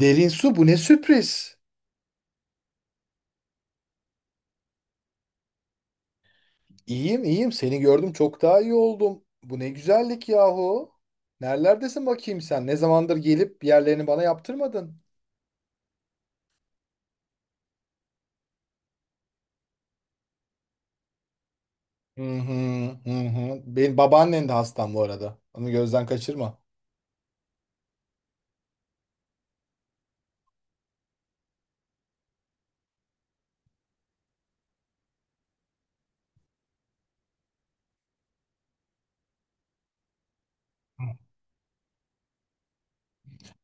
Derin su bu ne sürpriz. İyiyim iyiyim seni gördüm çok daha iyi oldum. Bu ne güzellik yahu. Nerelerdesin bakayım sen? Ne zamandır gelip yerlerini bana yaptırmadın? Hı hı, hı hı. Benim babaannen de hastam bu arada. Onu gözden kaçırma.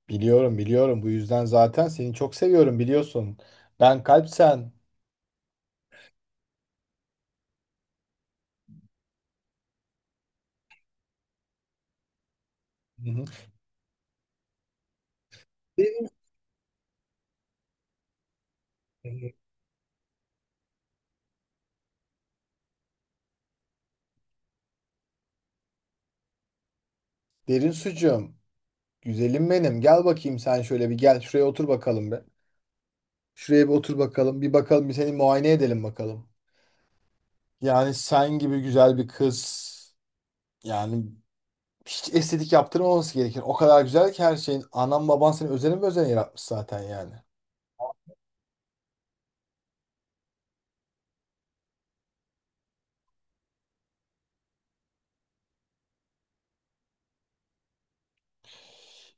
Biliyorum biliyorum bu yüzden zaten seni çok seviyorum biliyorsun. Ben kalp sen. Hı hı. Derin, hı, derin sucuğum. Güzelim benim. Gel bakayım sen şöyle bir gel şuraya otur bakalım be. Şuraya bir otur bakalım. Bir bakalım bir seni muayene edelim bakalım. Yani sen gibi güzel bir kız, yani hiç estetik yaptırmaması gerekir. O kadar güzel ki her şeyin. Anan baban seni özelim özen yaratmış zaten yani.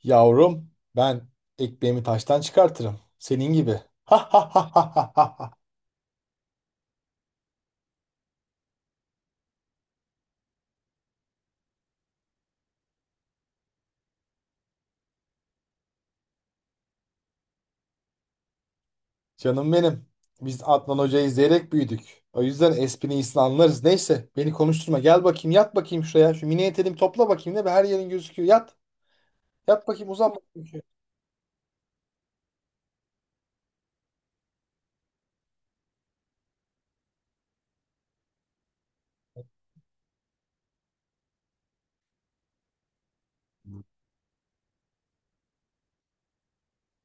Yavrum ben ekmeğimi taştan çıkartırım. Senin gibi. Canım benim. Biz Adnan Hoca'yı izleyerek büyüdük. O yüzden esprini iyisini anlarız. Neyse beni konuşturma. Gel bakayım yat bakayım şuraya. Şu mini eteğimi topla bakayım. Ne be her yerin gözüküyor. Yat. Yat bakayım uzan bakayım.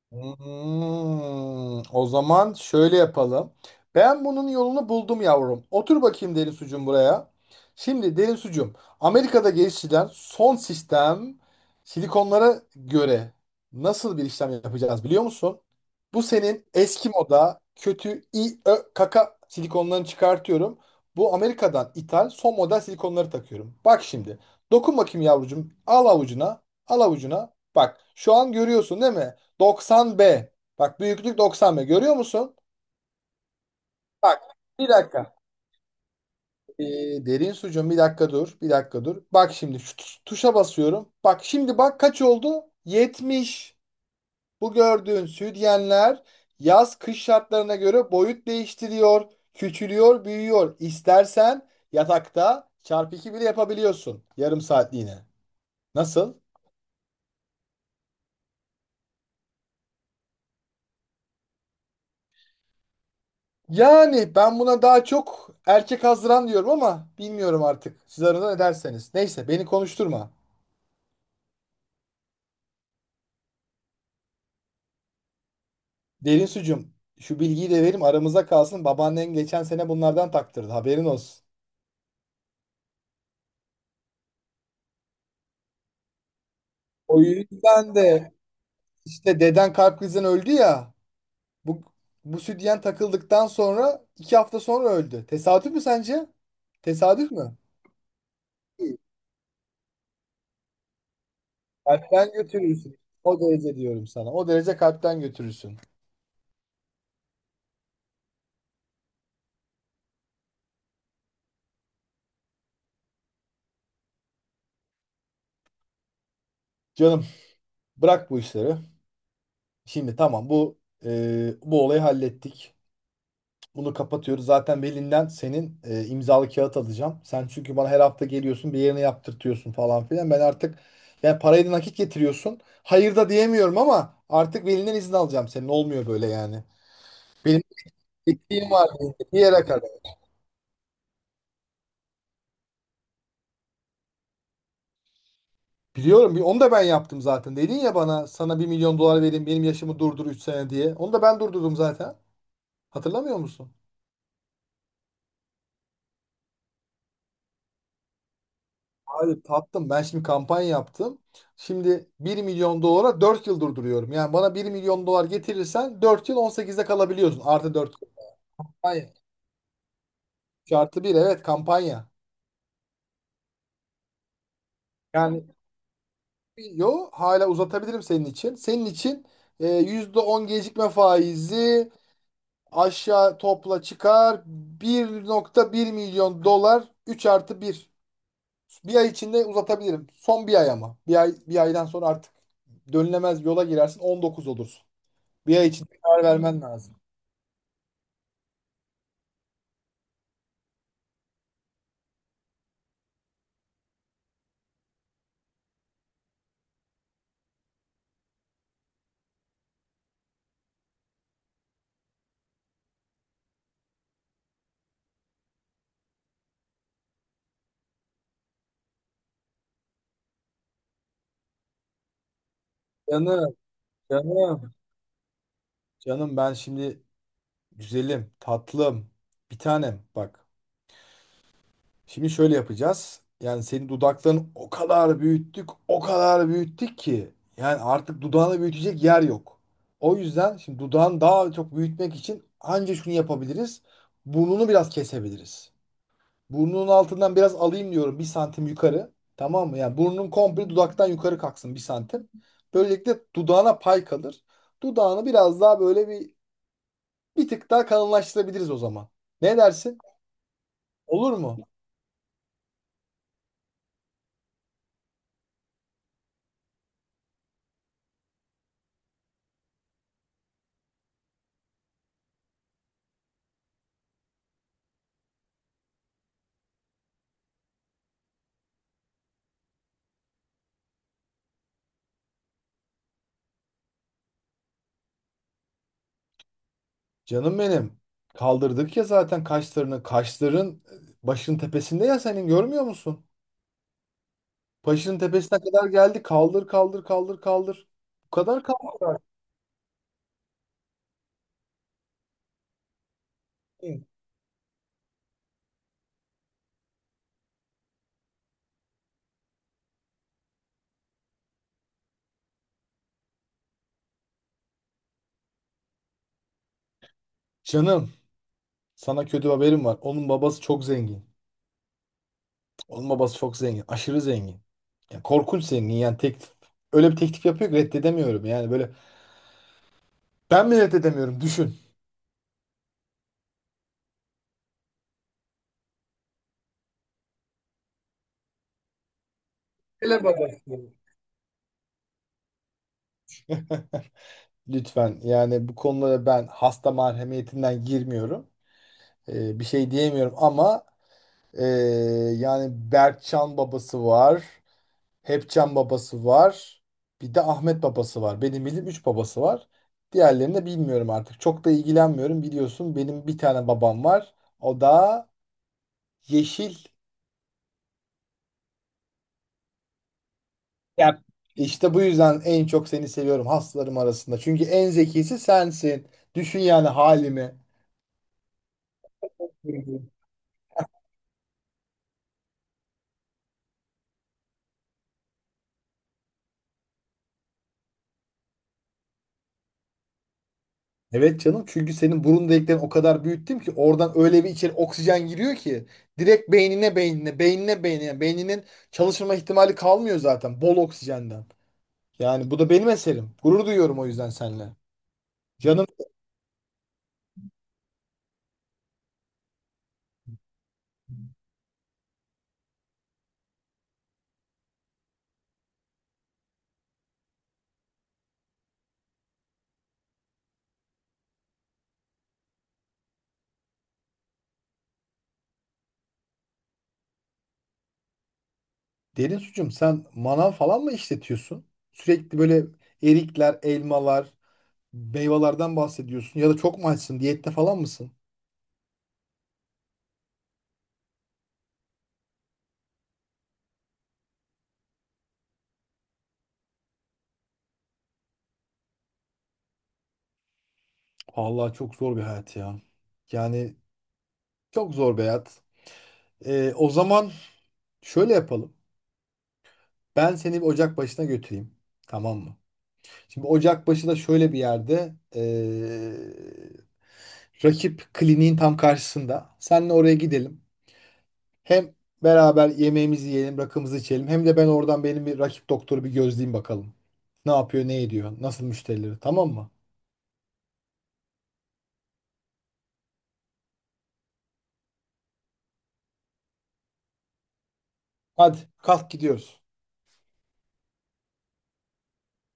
O zaman şöyle yapalım. Ben bunun yolunu buldum yavrum. Otur bakayım derin sucum buraya. Şimdi derin sucum, Amerika'da geliştirilen son sistem silikonlara göre nasıl bir işlem yapacağız biliyor musun? Bu senin eski moda kötü i ö kaka silikonlarını çıkartıyorum. Bu Amerika'dan ithal son model silikonları takıyorum. Bak şimdi. Dokun bakayım yavrucuğum. Al avucuna. Al avucuna. Bak şu an görüyorsun değil mi? 90B. Bak büyüklük 90B. Görüyor musun? Bak bir dakika. Ee, derin sucuğum bir dakika dur. Bir dakika dur. Bak şimdi şu tuşa basıyorum. Bak şimdi bak kaç oldu? 70. Bu gördüğün sütyenler yaz kış şartlarına göre boyut değiştiriyor. Küçülüyor, büyüyor. İstersen yatakta çarpı 2 bile yapabiliyorsun. Yarım saatliğine. Nasıl? Yani ben buna daha çok erkek hazıran diyorum ama bilmiyorum artık. Siz aranızda ne derseniz. Neyse beni konuşturma. Derin sucum şu bilgiyi de verim aramıza kalsın. Babaannen geçen sene bunlardan taktırdı haberin olsun. O yüzden de işte deden kalp krizinden öldü ya. Bu, bu sütyen takıldıktan sonra 2 hafta sonra öldü. Tesadüf mü sence? Tesadüf mü? Değil. Kalpten götürürsün. O derece diyorum sana. O derece kalpten götürürsün. Canım, bırak bu işleri. Şimdi tamam bu bu olayı hallettik. Bunu kapatıyoruz. Zaten Belin'den senin imzalı kağıt alacağım. Sen çünkü bana her hafta geliyorsun bir yerine yaptırtıyorsun falan filan. Ben artık yani parayı da nakit getiriyorsun. Hayır da diyemiyorum ama artık Belin'den izin alacağım senin. Olmuyor böyle yani. Benim ettiğim var benim de bir yere kadar. Biliyorum onu da ben yaptım zaten. Dedin ya bana sana 1 milyon dolar verin benim yaşımı durdur 3 sene diye. Onu da ben durdurdum zaten. Hatırlamıyor musun? Abi tattım. Ben şimdi kampanya yaptım. Şimdi 1 milyon dolara 4 yıl durduruyorum. Yani bana 1 milyon dolar getirirsen 4 yıl 18'de kalabiliyorsun. Artı 4 kampanya. 3+1, evet, kampanya. Yani yo hala uzatabilirim senin için. Senin için %10 gecikme faizi aşağı topla çıkar. 1,1 milyon dolar 3+1. Bir ay içinde uzatabilirim. Son bir ay ama. Bir ay, bir aydan sonra artık dönülemez yola girersin 19 olursun. Bir ay içinde karar vermen lazım. Canım, canım, canım ben şimdi güzelim, tatlım, bir tanem bak. Şimdi şöyle yapacağız. Yani senin dudaklarını o kadar büyüttük, o kadar büyüttük ki. Yani artık dudağını büyütecek yer yok. O yüzden şimdi dudağını daha çok büyütmek için anca şunu yapabiliriz. Burnunu biraz kesebiliriz. Burnunun altından biraz alayım diyorum 1 santim yukarı. Tamam mı? Yani burnun komple dudaktan yukarı kalksın 1 santim. Böylelikle dudağına pay kalır. Dudağını biraz daha böyle bir tık daha kalınlaştırabiliriz o zaman. Ne dersin? Olur mu? Canım benim. Kaldırdık ya zaten kaşlarını. Kaşların başının tepesinde ya senin, görmüyor musun? Başının tepesine kadar geldi. Kaldır kaldır kaldır kaldır. Bu kadar kaldır artık. Canım, sana kötü haberim var. Onun babası çok zengin. Onun babası çok zengin. Aşırı zengin. Yani korkunç zengin. Yani teklif öyle bir teklif yapıyor ki reddedemiyorum. Yani böyle ben mi reddedemiyorum düşün. Hele babası. Lütfen yani bu konulara ben hasta merhemiyetinden girmiyorum. Bir şey diyemiyorum ama ee, yani Berkcan babası var. Hepcan babası var. Bir de Ahmet babası var. Benim bildiğim 3 babası var. Diğerlerini de bilmiyorum artık. Çok da ilgilenmiyorum biliyorsun. Benim bir tane babam var. O da Yeşil. Ya işte bu yüzden en çok seni seviyorum hastalarım arasında. Çünkü en zekisi sensin. Düşün yani halimi. Evet canım, çünkü senin burun deliklerini o kadar büyüttüm ki oradan öyle bir içeri oksijen giriyor ki direkt beynine beynine beynine beynine beyninin çalışma ihtimali kalmıyor zaten bol oksijenden. Yani bu da benim eserim. Gurur duyuyorum o yüzden seninle. Canım derin suçum, sen manav falan mı işletiyorsun? Sürekli böyle erikler, elmalar. Meyvelerden bahsediyorsun ya da çok mu açsın? Diyette falan mısın? Vallahi çok zor bir hayat ya. Yani çok zor bir hayat. O zaman şöyle yapalım. Ben seni bir ocak başına götüreyim. Tamam mı? Şimdi ocak başı da şöyle bir yerde rakip kliniğin tam karşısında. Seninle oraya gidelim. Hem beraber yemeğimizi yiyelim, rakımızı içelim. Hem de ben oradan benim bir rakip doktoru bir gözleyeyim bakalım. Ne yapıyor, ne ediyor, nasıl müşterileri, tamam mı? Hadi kalk gidiyoruz.